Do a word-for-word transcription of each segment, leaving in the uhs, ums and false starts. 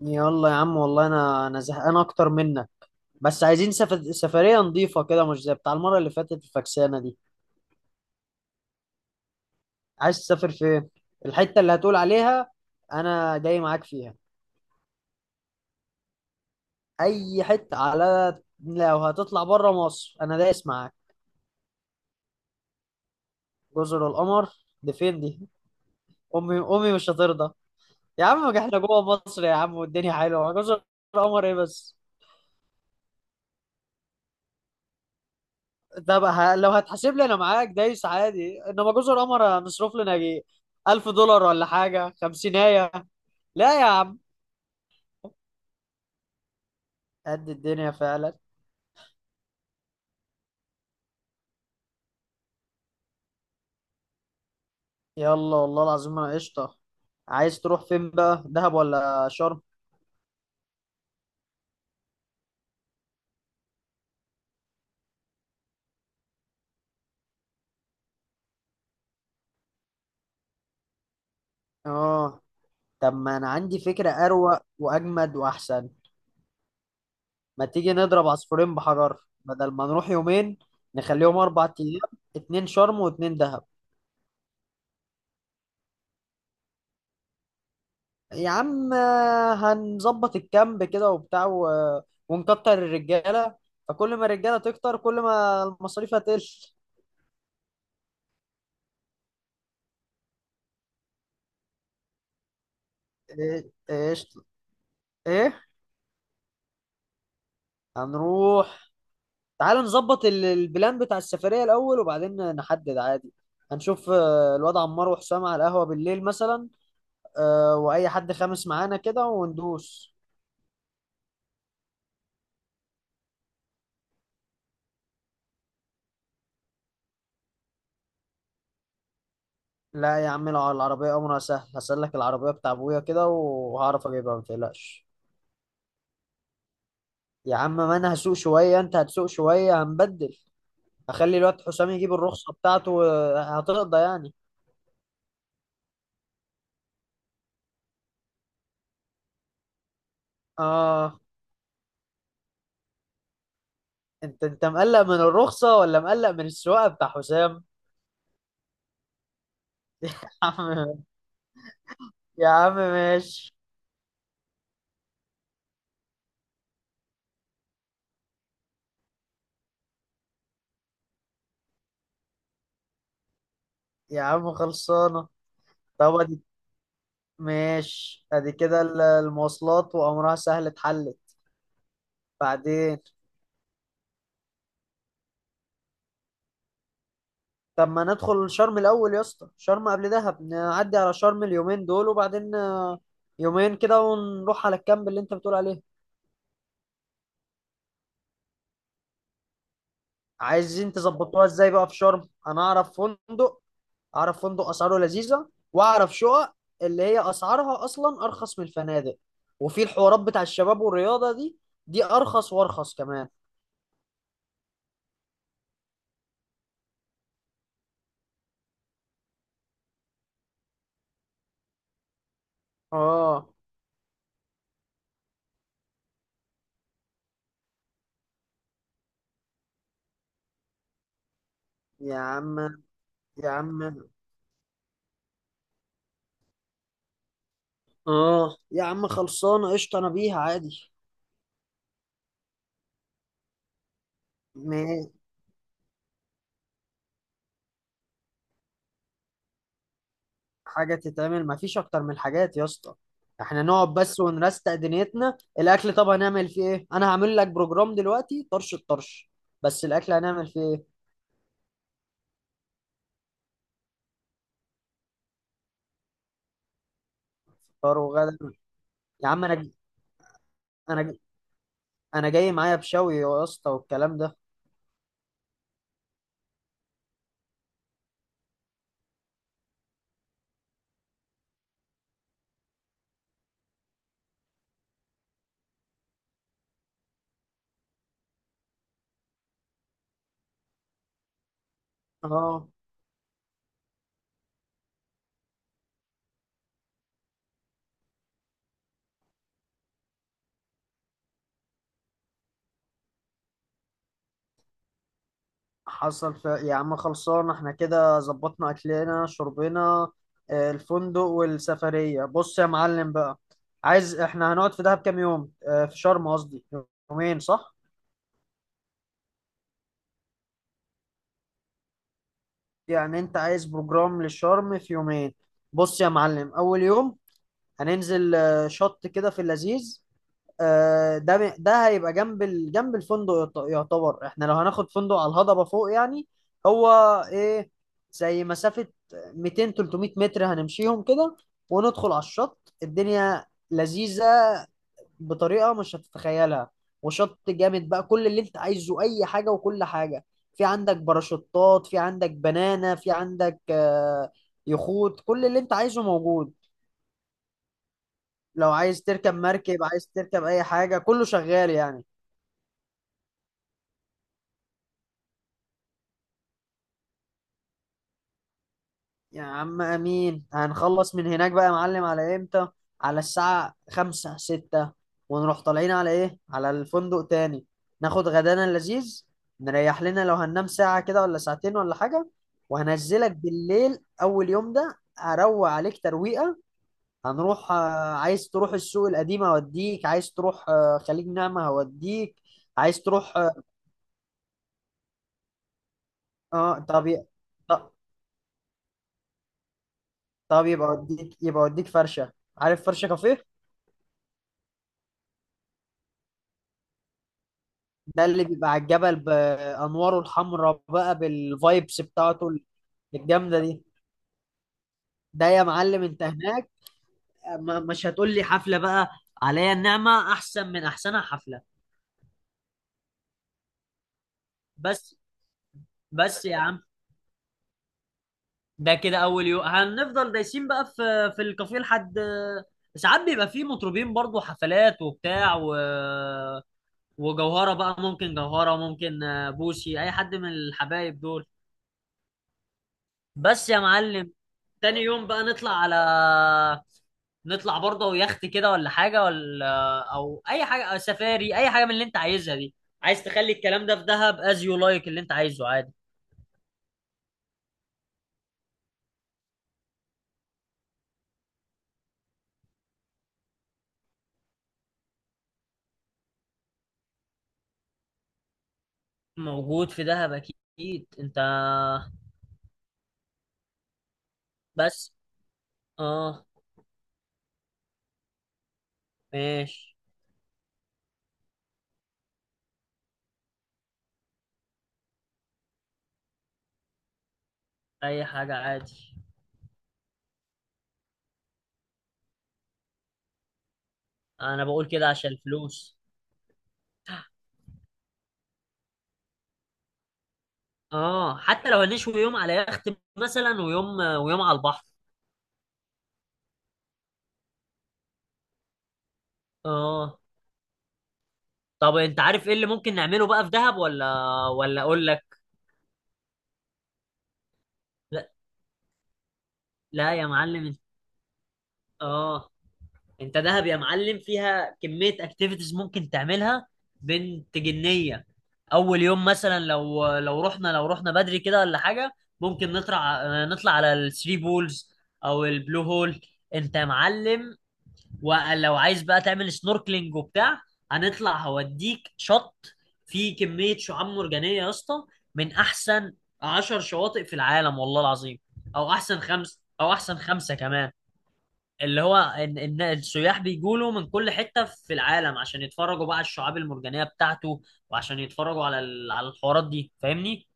يلا يا عم والله انا انا زهقان اكتر منك. بس عايزين سفر... سفرية نظيفة كده، مش زي بتاع المرة اللي فاتت الفكسانة دي. عايز تسافر فين؟ الحتة اللي هتقول عليها انا جاي معاك فيها. اي حتة، على لو هتطلع بره مصر انا دايس معاك. جزر القمر دي فين دي؟ امي امي مش هترضى. يا عم احنا جوه مصر يا عم، والدنيا حلوة، جزر القمر ايه بس؟ ده بقى ه- لو هتحاسب لي انا معاك دايس عادي، انما جوز القمر هنصرف لنا جي ألف دولار ولا حاجه خمسينية. لا يا عم. قد الدنيا فعلا. يلا، والله العظيم انا قشطه. عايز تروح فين بقى، دهب ولا شرم؟ اه. طب ما انا عندي فكره اروق واجمد واحسن. ما تيجي نضرب عصفورين بحجر؟ بدل ما نروح يومين، نخليهم اربع ايام. اتنين شرم واتنين دهب. يا عم، آه، هنظبط الكامب كده وبتاع و... ونكتر الرجالة. فكل ما الرجالة تكتر، كل ما المصاريف هتقل. ايه ايش ايه هنروح؟ تعال نظبط ال- البلان بتاع السفرية الأول، وبعدين نحدد عادي. هنشوف آه، الواد عمار وحسام على القهوة بالليل مثلا. آه، وأي حد خامس معانا كده وندوس. لا يا عم، الع- العربية أمرها سهل. هسلك العربية بتاع أبويا كده وهعرف أجيبها، ما تقلقش. يا عم، ما انا هسوق شويه، انت هتسوق شويه، هنبدل. اخلي الواد حسام يجيب الرخصه بتاعته. هتقضى يعني. اه. انت انت مقلق من الرخصه ولا مقلق من السواقه بتاع حسام؟ يا عم. يا عم، ماشي. يا عم، خلصانه. طب ادي. ماشي، ادي كده ال- المواصلات وامرها سهل، اتحلت. بعدين. طب ما ندخل شرم الاول يا اسطى، شرم قبل دهب، نعدي على شرم اليومين دول، وبعدين آه، يومين كده ونروح على الكامب اللي انت بتقول عليه. عايزين تظبطوها ازاي بقى في شرم؟ انا اعرف فندق. اعرف فندق اسعاره لذيذه، واعرف شقق اللي هي اسعارها اصلا ارخص من الفنادق. وفي الحوارات بتاع الشباب والرياضه دي، دي ارخص وارخص كمان. اه يا عم. يا عم. اه يا عم، خلصانه قشطه، انا بيها عادي. ما. حاجه تتعمل؟ ما فيش اكتر من الحاجات يا اسطى. احنا نقعد بس ونرستق دنيتنا. الاكل طب هنعمل فيه ايه؟ انا هعمل لك بروجرام دلوقتي طرش الطرش. بس الاكل هنعمل فيه إيه؟ فطار وغدا. يا عم انا ج- انا ج- انا جاي معايا بشوي يا اسطى والكلام ده. اه. حصل ف... يا عم خلصان، احنا كده ظبطنا اكلنا شربنا. آه، الفندق والسفرية، بص يا معلم بقى. عايز احنا هنقعد في دهب كام يوم، آه، في شرم قصدي. يومين، صح؟ يعني انت عايز بروجرام للشرم في يومين. بص يا معلم، اول يوم. هننزل آه، شط كده في اللذيذ. آه، ده م- ده هيبقى جنب ال... جنب الفندق، يعت- يعتبر احنا لو هناخد فندق على الهضبة فوق يعني. هو، ايه زي مسافة ميتين تلتمية متر هنمشيهم كده. وندخل على الشط. الدنيا لذيذة بطريقة مش هتتخيلها. وشط جامد بقى، كل اللي انت عايزه، اي حاجة وكل حاجة. في عندك باراشوتات، في عندك بنانة، في عندك آه، يخوت، كل اللي انت عايزه موجود. لو عايز تركب مركب، عايز تركب اي حاجة، كله شغال يعني. يا عم امين، هنخلص من هناك بقى يا معلم على امتى؟ على الساعة خمسة ستة. ونروح طالعين على ايه، على الفندق تاني. ناخد غدانا اللذيذ. نريح لنا، لو هننام ساعة كده ولا ساعتين ولا حاجة. وهنزلك بالليل، اول يوم ده اروق عليك ترويقة. هنروح. آه، عايز تروح السوق القديم هوديك، عايز تروح آه، خليج نعمة هوديك. عايز تروح، اه. آه، طب ي- طب طب يبقى اوديك يبقى اوديك فرشة. عارف فرشة كافيه؟ ده اللي بيبقى على الجبل، بانواره الحمراء بقى، بالفايبس بتاعته. الجامده دي. ده يا معلم، انت هناك. م- مش هتقول لي حفله بقى. عليا النعمه، احسن من احسنها حفله. بس. بس يا عم. ده كده اول يوم هنفضل دايسين بقى في في الكافيه لحد ساعات بيبقى فيه مطربين برضو، حفلات وبتاع و... وجوهره بقى، ممكن جوهره، ممكن بوسي، اي حد من الحبايب دول. بس يا معلم. تاني يوم بقى نطلع على نطلع برضه يخت كده ولا حاجة، ولا أو أي حاجة، أو سفاري، أي حاجة من اللي أنت عايزها دي. عايز تخلي الكلام ده في دهب، از يو لايك، اللي أنت عايزه عادي. موجود في دهب أكيد، أنت. بس. أه. ماشي. أي حاجة عادي. أنا بقول كده عشان الفلوس. أه، حتى لو هنشوي يوم على يخت مثلا، ويوم ويوم على البحر. أه. طب أنت عارف إيه اللي ممكن نعمله بقى في دهب، ولا ولا أقول لك؟ لا يا معلم، انت. اه. انت دهب يا معلم فيها كمية اكتيفيتيز ممكن تعملها. بنت جنية. اول يوم مثلا، لو لو رحنا لو رحنا بدري كده ولا حاجة. ممكن نطلع نطلع على الثري بولز. او البلو هول. انت يا معلم. ولو عايز بقى تعمل سنوركلينج وبتاع. هنطلع هوديك شط. فيه كمية شعاب مرجانية يا اسطى، من احسن عشر شواطئ في العالم والله العظيم. او احسن خمس، او احسن خمسة كمان. اللي هو ان ان السياح بيجوا من كل حته في العالم عشان يتفرجوا بقى على الشعاب المرجانيه بتاعته. وعشان يتفرجوا على ال- على الحوارات دي، فاهمني.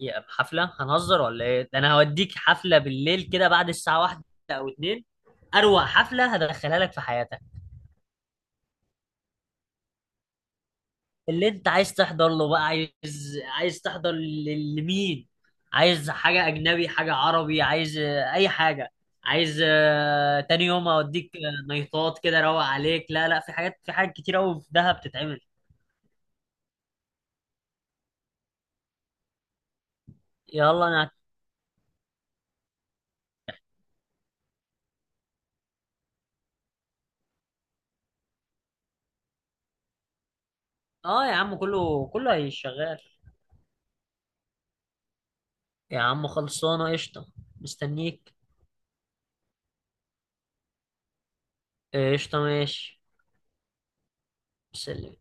يا حفله، هنهزر ولا ايه؟ ده انا هوديك حفله بالليل كده بعد الساعه واحدة او اتنين. اروق حفله هدخلها لك في حياتك. اللي انت عايز تحضر له بقى، عايز عايز تحضر ل- لمين؟ عايز حاجة أجنبي، حاجة عربي، عايز آه، أي حاجة. عايز آه، تاني يوم أوديك آه، نيطات كده، روق عليك، لا لا، في حاجات في حاجات كتير أوي في دهب بتتعمل. يلا أنا. آه يا عم، كله كله هيشغال. يا عم، خلصانة قشطة. مستنيك. آه، قشطة ماشي. سلم.